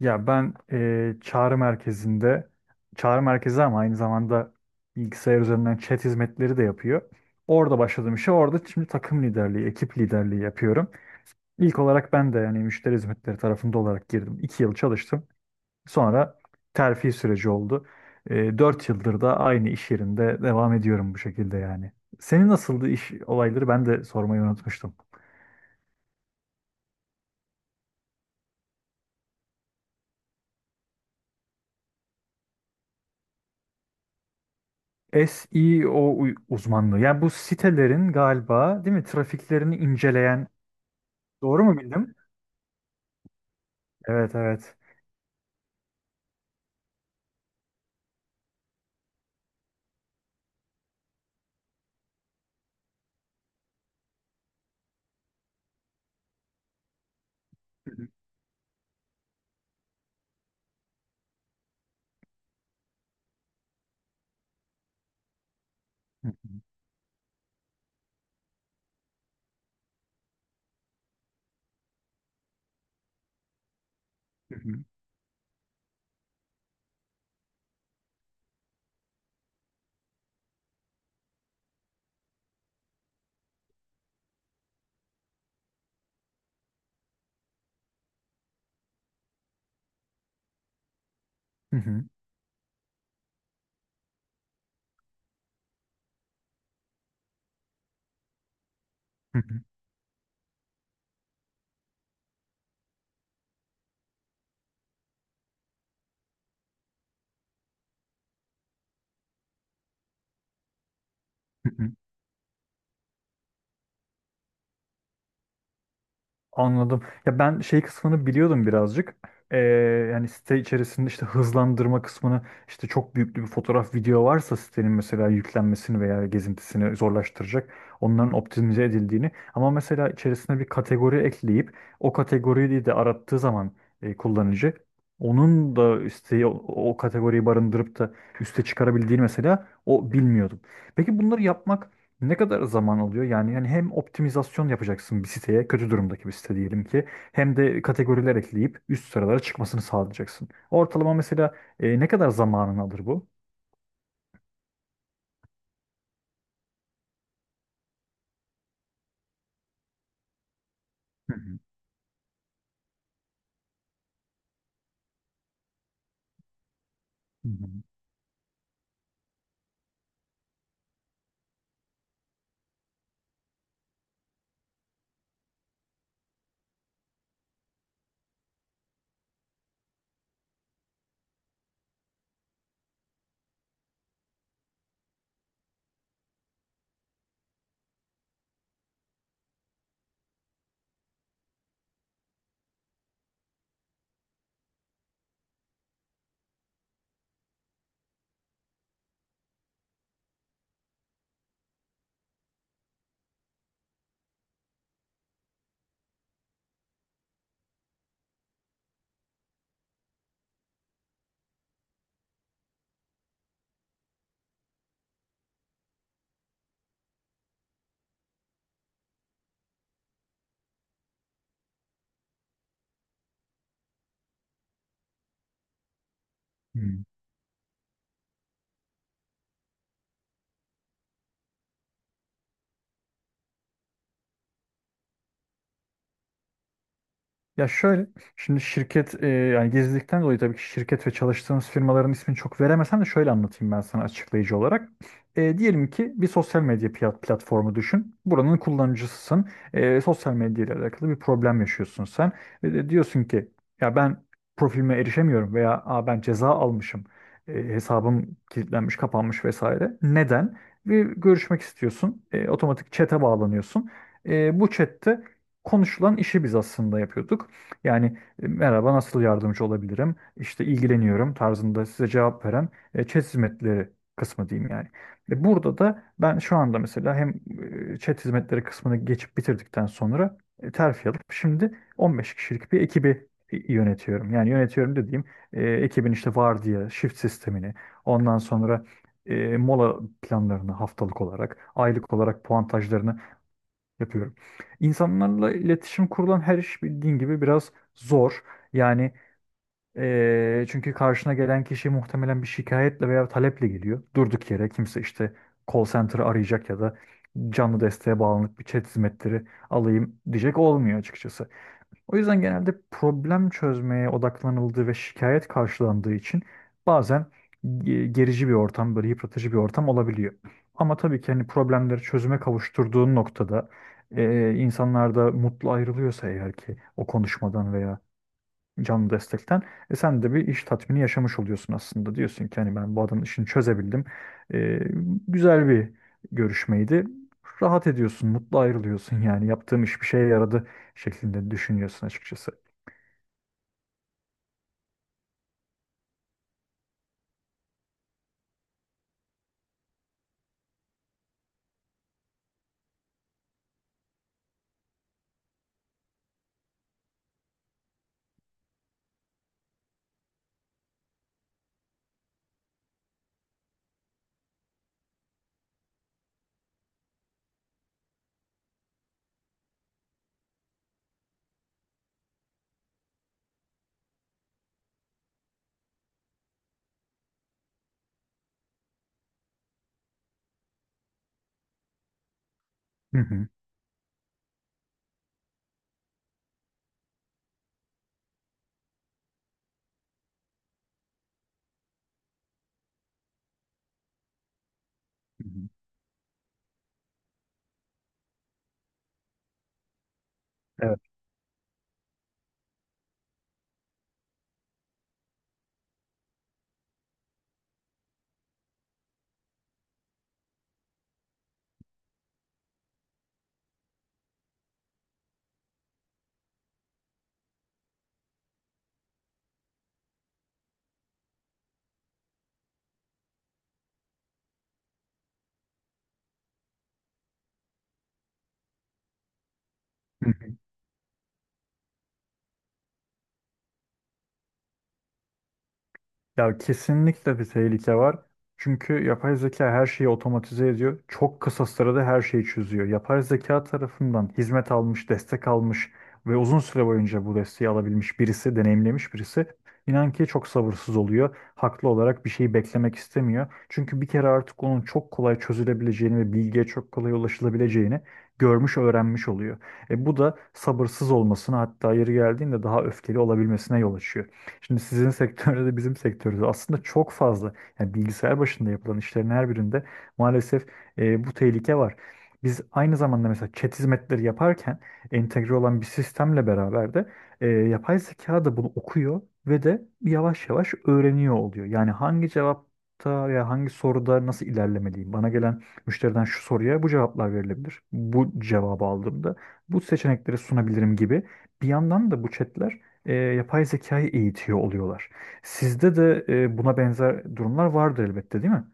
Ya ben çağrı merkezinde, çağrı merkezi ama aynı zamanda bilgisayar üzerinden chat hizmetleri de yapıyor. Orada başladığım işe orada şimdi takım liderliği, ekip liderliği yapıyorum. İlk olarak ben de yani müşteri hizmetleri tarafında olarak girdim. İki yıl çalıştım. Sonra terfi süreci oldu. Dört yıldır da aynı iş yerinde devam ediyorum bu şekilde yani. Senin nasıldı iş olayları ben de sormayı unutmuştum. Uzmanlığı. Yani bu sitelerin galiba değil mi trafiklerini inceleyen. Doğru mu bildim? Evet, evet. Hı hı, hı hı, hı hı, hı hı, hı hı. Anladım. Ya ben şey kısmını biliyordum birazcık. Ee, Yani site içerisinde işte hızlandırma kısmını işte çok büyüklü bir fotoğraf video varsa sitenin mesela yüklenmesini veya gezintisini zorlaştıracak onların optimize edildiğini ama mesela içerisine bir kategori ekleyip o kategoriyi de arattığı zaman kullanıcı onun da isteği o, o kategoriyi barındırıp da üste çıkarabildiğini mesela o bilmiyordum. Peki bunları yapmak ne kadar zaman alıyor? Yani hem optimizasyon yapacaksın bir siteye, kötü durumdaki bir site diyelim ki, hem de kategoriler ekleyip üst sıralara çıkmasını sağlayacaksın. Ortalama mesela ne kadar zamanını alır bu? Hı hı. Hı hı. Hı. Ya şöyle, şimdi şirket yani gizlilikten dolayı tabii ki şirket ve çalıştığımız firmaların ismini çok veremesem de şöyle anlatayım ben sana açıklayıcı olarak. Diyelim ki bir sosyal medya platformu düşün. Buranın kullanıcısısın. Sosyal medya ile alakalı bir problem yaşıyorsun sen. Ve de diyorsun ki ya ben profilime erişemiyorum veya aa, ben ceza almışım. Hesabım kilitlenmiş, kapanmış vesaire. Neden? Bir görüşmek istiyorsun. Otomatik chat'e bağlanıyorsun. Bu chat'te konuşulan işi biz aslında yapıyorduk. Yani merhaba, nasıl yardımcı olabilirim? İşte ilgileniyorum tarzında size cevap veren chat hizmetleri kısmı diyeyim yani. Burada da ben şu anda mesela hem chat hizmetleri kısmını geçip bitirdikten sonra terfi alıp şimdi 15 kişilik bir ekibi yönetiyorum. Yani yönetiyorum dediğim ekibin işte vardiya, shift sistemini, ondan sonra mola planlarını haftalık olarak, aylık olarak puantajlarını yapıyorum. İnsanlarla iletişim kurulan her iş bildiğin gibi biraz zor. Yani çünkü karşına gelen kişi muhtemelen bir şikayetle veya taleple geliyor. Durduk yere kimse işte call center'ı arayacak ya da canlı desteğe bağlanıp bir chat hizmetleri alayım diyecek olmuyor açıkçası. O yüzden genelde problem çözmeye odaklanıldığı ve şikayet karşılandığı için bazen gerici bir ortam, böyle yıpratıcı bir ortam olabiliyor. Ama tabii ki hani problemleri çözüme kavuşturduğun noktada insanlar da mutlu ayrılıyorsa eğer ki o konuşmadan veya canlı destekten. E sen de bir iş tatmini yaşamış oluyorsun aslında. Diyorsun ki hani ben bu adamın işini çözebildim. E, Güzel bir görüşmeydi. Rahat ediyorsun, mutlu ayrılıyorsun, yani yaptığım iş bir şeye yaradı şeklinde düşünüyorsun açıkçası. Hı hı. Hı hı. Evet. Ya kesinlikle bir tehlike var. Çünkü yapay zeka her şeyi otomatize ediyor. Çok kısa sürede her şeyi çözüyor. Yapay zeka tarafından hizmet almış, destek almış ve uzun süre boyunca bu desteği alabilmiş birisi, deneyimlemiş birisi inan ki çok sabırsız oluyor. Haklı olarak bir şeyi beklemek istemiyor. Çünkü bir kere artık onun çok kolay çözülebileceğini ve bilgiye çok kolay ulaşılabileceğini görmüş, öğrenmiş oluyor. E bu da sabırsız olmasına, hatta yeri geldiğinde daha öfkeli olabilmesine yol açıyor. Şimdi sizin sektörde de bizim sektörde de aslında çok fazla, yani bilgisayar başında yapılan işlerin her birinde maalesef bu tehlike var. Biz aynı zamanda mesela chat hizmetleri yaparken entegre olan bir sistemle beraber de yapay zeka da bunu okuyor ve de yavaş yavaş öğreniyor oluyor. Yani hangi cevapta veya hangi soruda nasıl ilerlemeliyim? Bana gelen müşteriden şu soruya bu cevaplar verilebilir. Bu cevabı aldığımda bu seçenekleri sunabilirim gibi. Bir yandan da bu chatler yapay zekayı eğitiyor oluyorlar. Sizde de buna benzer durumlar vardır elbette, değil mi?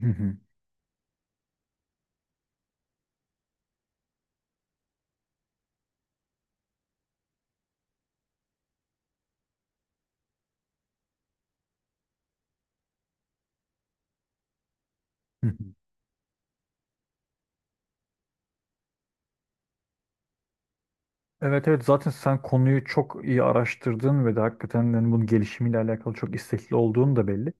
Hı hı. Evet, evet, zaten sen konuyu çok iyi araştırdın ve de hakikaten yani bunun gelişimiyle alakalı çok istekli olduğun da belli.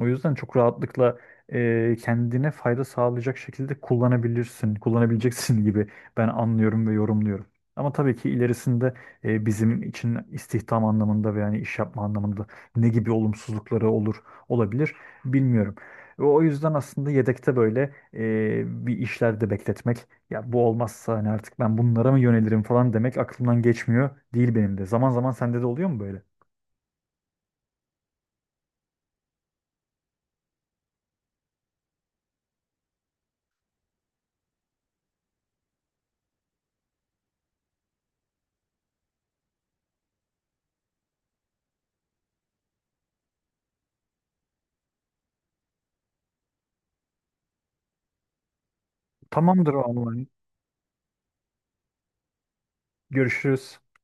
O yüzden çok rahatlıkla kendine fayda sağlayacak şekilde kullanabilirsin, kullanabileceksin gibi ben anlıyorum ve yorumluyorum. Ama tabii ki ilerisinde bizim için istihdam anlamında ve yani iş yapma anlamında ne gibi olumsuzlukları olur, olabilir bilmiyorum. Ve o yüzden aslında yedekte böyle bir işlerde bekletmek, ya bu olmazsa hani artık ben bunlara mı yönelirim falan demek aklımdan geçmiyor değil benim de. Zaman zaman sende de oluyor mu böyle? Tamamdır o zaman. Görüşürüz.